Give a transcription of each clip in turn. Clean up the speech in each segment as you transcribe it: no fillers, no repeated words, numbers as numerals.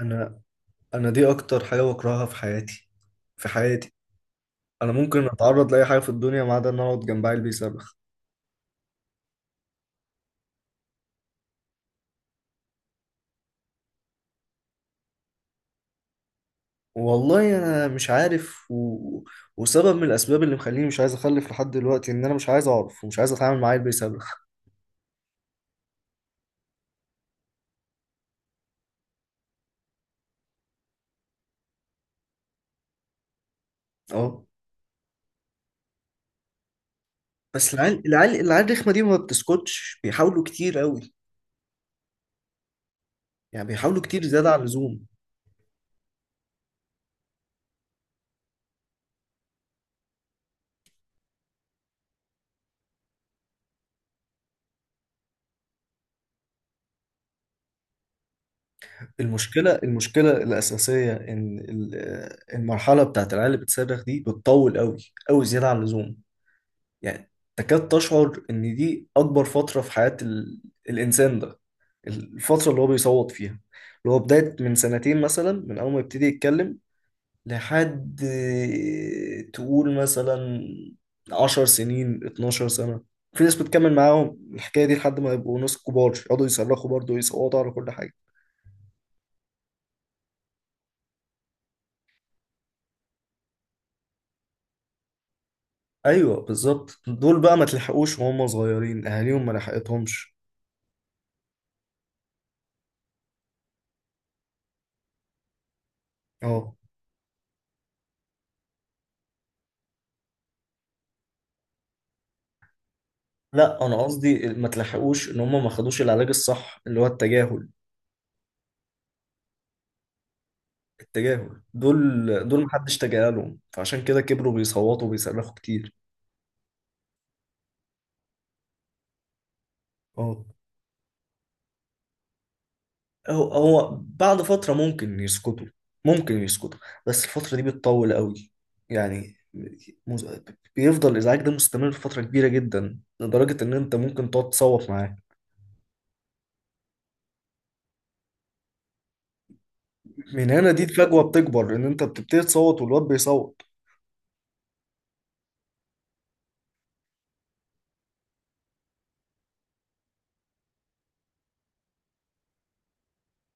انا انا دي اكتر حاجه بكرهها في حياتي في حياتي. انا ممكن اتعرض لاي حاجه في الدنيا ما عدا ان أنا اقعد جنب عيل بيصرخ. والله انا مش عارف وسبب من الاسباب اللي مخليني مش عايز اخلف لحد دلوقتي ان انا مش عايز اعرف ومش عايز اتعامل مع عيل بيصرخ. اه. بس العيال الرخمه دي ما بتسكتش، بيحاولوا كتير قوي، يعني بيحاولوا كتير زياده عن اللزوم. المشكله الاساسيه ان المرحله بتاعت العيال اللي بتصرخ دي بتطول قوي، قوي زياده عن اللزوم. يعني تكاد تشعر ان دي اكبر فترة في حياة الانسان ده، الفترة اللي هو بيصوت فيها، اللي هو بداية من سنتين مثلا، من اول ما يبتدي يتكلم لحد تقول مثلا 10 سنين، 12 سنة. في ناس بتكمل معاهم الحكاية دي لحد ما يبقوا ناس كبار يقعدوا يصرخوا برضه ويصوتوا على كل حاجة. ايوه بالظبط، دول بقى ما تلحقوش وهم صغيرين، اهاليهم ما لحقتهمش. اه لا، انا قصدي ما تلحقوش ان هم ما خدوش العلاج الصح اللي هو التجاهل. التجاهل، دول محدش تجاهلهم، فعشان كده كبروا بيصوتوا وبيصرخوا كتير. اه، هو بعد فترة ممكن يسكتوا، ممكن يسكتوا، بس الفترة دي بتطول قوي. يعني مز... بيفضل الازعاج ده مستمر فترة كبيرة جدا لدرجة ان انت ممكن تقعد تصوت معاه. من هنا دي الفجوة بتكبر، ان انت بتبتدي تصوت والواد بيصوت.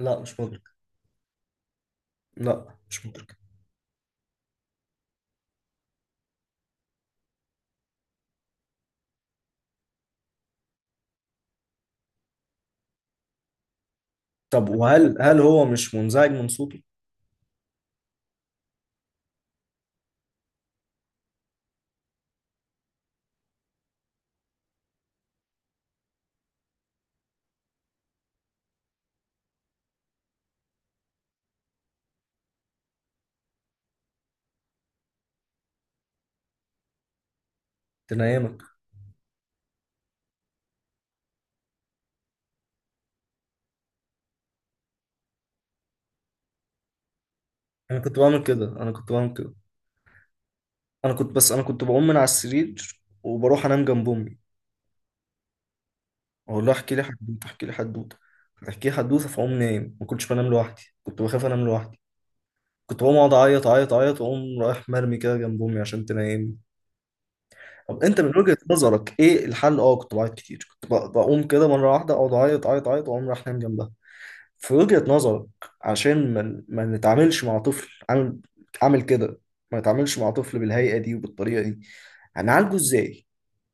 لا مش مدرك. لا مش مدرك. طب وهل هو مش منزعج من صوته؟ تنيمك. انا كنت بعمل كده، انا كنت بعمل كده. انا كنت بقوم من على السرير وبروح انام جنب امي، اقول لها احكي لي حدوته، احكي لي حدوته، فتحكي لي حدوته فاقوم نايم. ما كنتش بنام لوحدي، كنت بخاف انام لوحدي. كنت بقوم اقعد اعيط اعيط اعيط واقوم رايح مرمي كده جنب امي عشان تنيمني. طب انت من وجهة نظرك ايه الحل؟ اه كنت بعيط كتير، كنت بقوم كده مره واحده، اقعد اعيط اعيط اعيط واقوم رايح نايم جنبها. في وجهة نظرك، عشان ما نتعاملش مع طفل عامل كده، ما نتعاملش مع طفل بالهيئة دي وبالطريقة دي، هنعالجه ازاي؟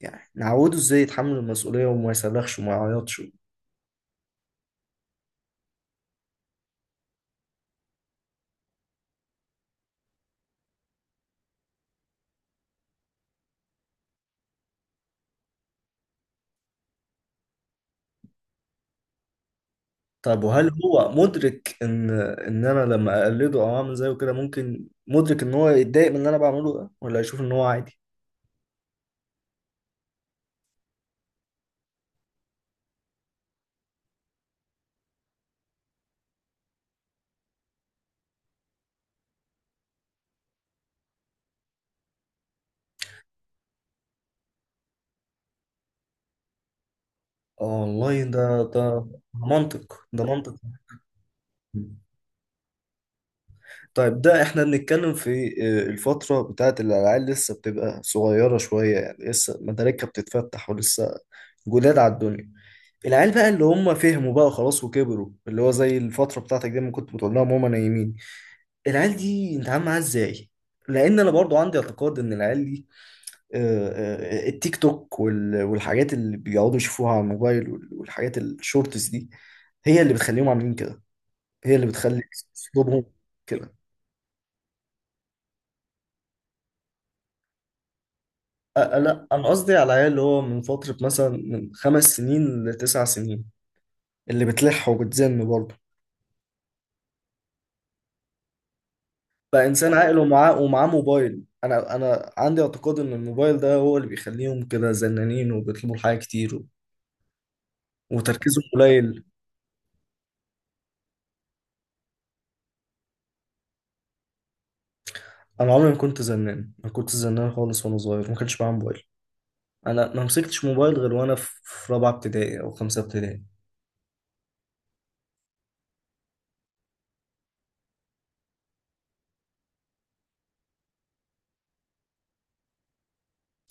يعني نعوده ازاي يتحمل المسؤولية وما يصرخش وما يعيطش. طب وهل هو مدرك ان انا لما اقلده او اعمل زيه كده ممكن مدرك ان هو يتضايق من اللي انا بعمله ده، ولا يشوف ان هو عادي؟ اه والله، ده منطق، ده منطق. طيب ده احنا بنتكلم في الفترة بتاعت الألعاب، لسه بتبقى صغيرة شوية، يعني لسه مداركها بتتفتح ولسه جداد على الدنيا. العيال بقى اللي هم فهموا بقى خلاص وكبروا، اللي هو زي الفترة بتاعتك دي ما كنت بتقول لهم هما نايمين، العيال دي نتعامل معاها ازاي؟ لأن أنا برضو عندي اعتقاد إن العيال دي، آه، التيك توك والحاجات اللي بيقعدوا يشوفوها على الموبايل والحاجات الشورتس دي هي اللي بتخليهم عاملين كده، هي اللي بتخلي أسلوبهم كده. انا قصدي على عيال اللي هو من فترة مثلا من 5 سنين لـ9 سنين، اللي بتلح وبتزن برضه، بقى انسان عاقل ومعاه موبايل. انا عندي اعتقاد ان الموبايل ده هو اللي بيخليهم كده زنانين وبيطلبوا الحاجة كتير وتركيزهم قليل. انا عمري ما كنت زنان، ما كنت زنان خالص، وانا صغير ما كانش معايا موبايل. انا ما مسكتش موبايل غير وانا في رابعة ابتدائي او خمسة ابتدائي.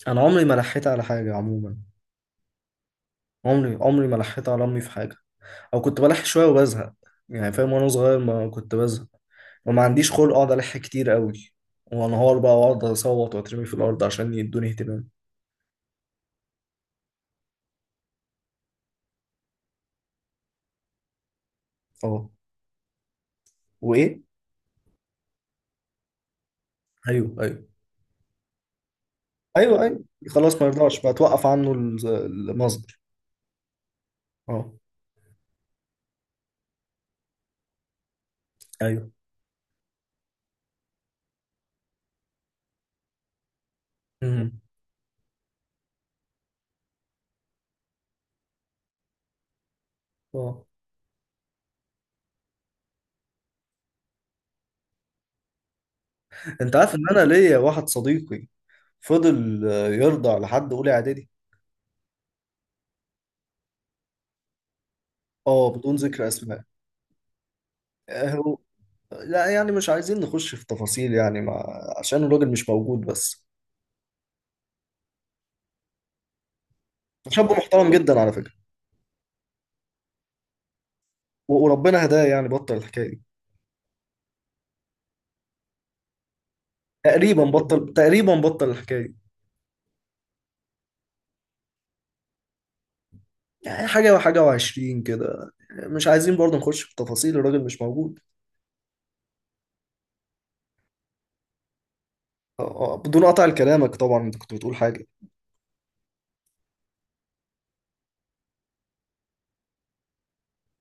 انا عمري ما لحيت على حاجة عموما، عمري عمري ما لحيت على امي في حاجة. او كنت بلح شويه وبزهق يعني، فاهم؟ وانا صغير ما كنت بزهق، وما عنديش خلق اقعد الح كتير قوي وانهار بقى واقعد اصوت واترمي في الارض عشان يدوني اهتمام. اه. وايه. ايوه، ايوه، ايوه، ايوه، خلاص ما يرضاش بقى، توقف عنه المصدر. اه. ايوه. امم. اه. انت عارف ان انا ليا واحد صديقي فضل يرضع لحد اولى اعدادي. اه، بدون ذكر اسماء. هو لا، يعني مش عايزين نخش في تفاصيل يعني ما... عشان الراجل مش موجود بس، شاب محترم جدا على فكرة، و- وربنا هداه، يعني بطل الحكاية دي، تقريبا بطل، تقريبا بطل الحكاية دي. يعني حاجة وحاجة وعشرين كده، مش عايزين برضه نخش في تفاصيل، الراجل مش موجود. آه، بدون قطع لكلامك طبعا، انت كنت بتقول حاجة.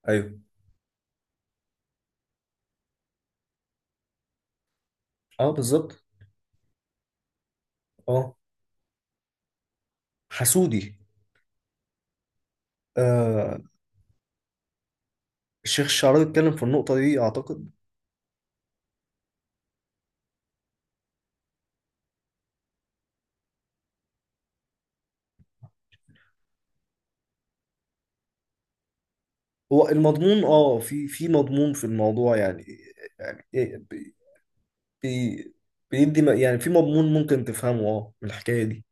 ايوه. اه بالظبط. اه حسودي. آه. الشيخ الشعراوي اتكلم في النقطة دي أعتقد. هو المضمون، اه في مضمون في الموضوع يعني. يعني بي- يعني في مضمون ممكن تفهمه اه من الحكاية دي.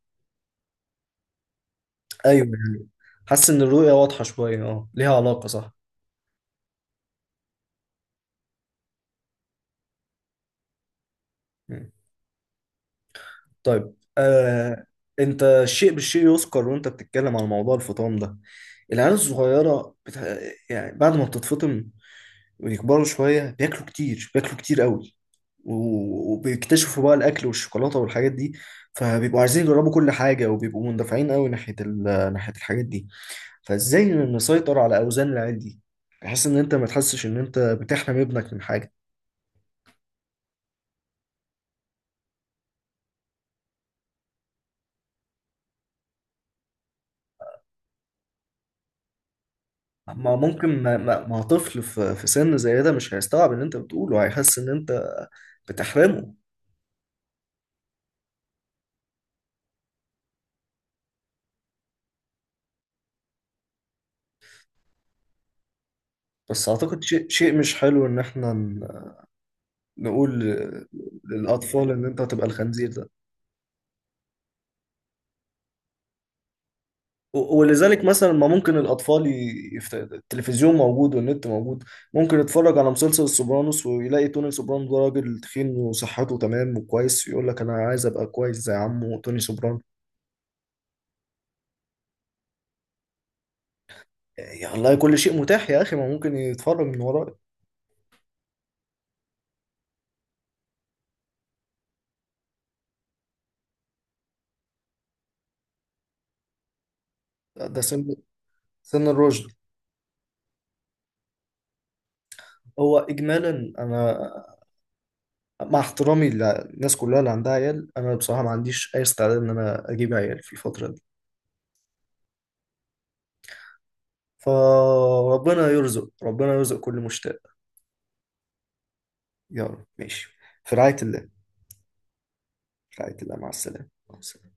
ايوه يعني، حاسس ان الرؤية واضحة شوية، اه ليها علاقة، صح. مم. طيب، انت الشيء بالشيء يذكر، وانت بتتكلم عن موضوع الفطام ده. العيال الصغيرة يعني بعد ما بتتفطم ويكبروا شوية، بياكلوا كتير، بياكلوا كتير قوي، و- وبيكتشفوا بقى الأكل والشوكولاتة والحاجات دي، فبيبقوا عايزين يجربوا كل حاجة وبيبقوا مندفعين قوي ناحية ناحية الحاجات دي. فإزاي نسيطر على أوزان العيال دي، بحيث إن أنت ما تحسش إن أنت بتحرم ابنك من حاجة؟ ما ممكن ما طفل في سن زي ده مش هيستوعب اللي انت بتقوله، هيحس ان انت بتحرمه. بس اعتقد شيء مش حلو ان احنا نقول للاطفال ان انت هتبقى الخنزير ده، و- ولذلك مثلا ما ممكن الاطفال التلفزيون موجود والنت موجود، ممكن يتفرج على مسلسل السوبرانوس ويلاقي توني سوبرانو ده راجل تخين وصحته تمام وكويس، يقول لك انا عايز ابقى كويس زي عمه توني سوبرانو. يا الله، كل شيء متاح يا اخي، ما ممكن يتفرج من وراك. ده سن الرشد. هو اجمالا انا، مع احترامي للناس كلها اللي عندها عيال، انا بصراحه ما عنديش اي استعداد ان انا اجيب عيال في الفتره دي، فربنا يرزق، ربنا يرزق كل مشتاق. يا رب، ماشي. في رعايه الله. في رعايه الله، مع السلامه، مع السلامة.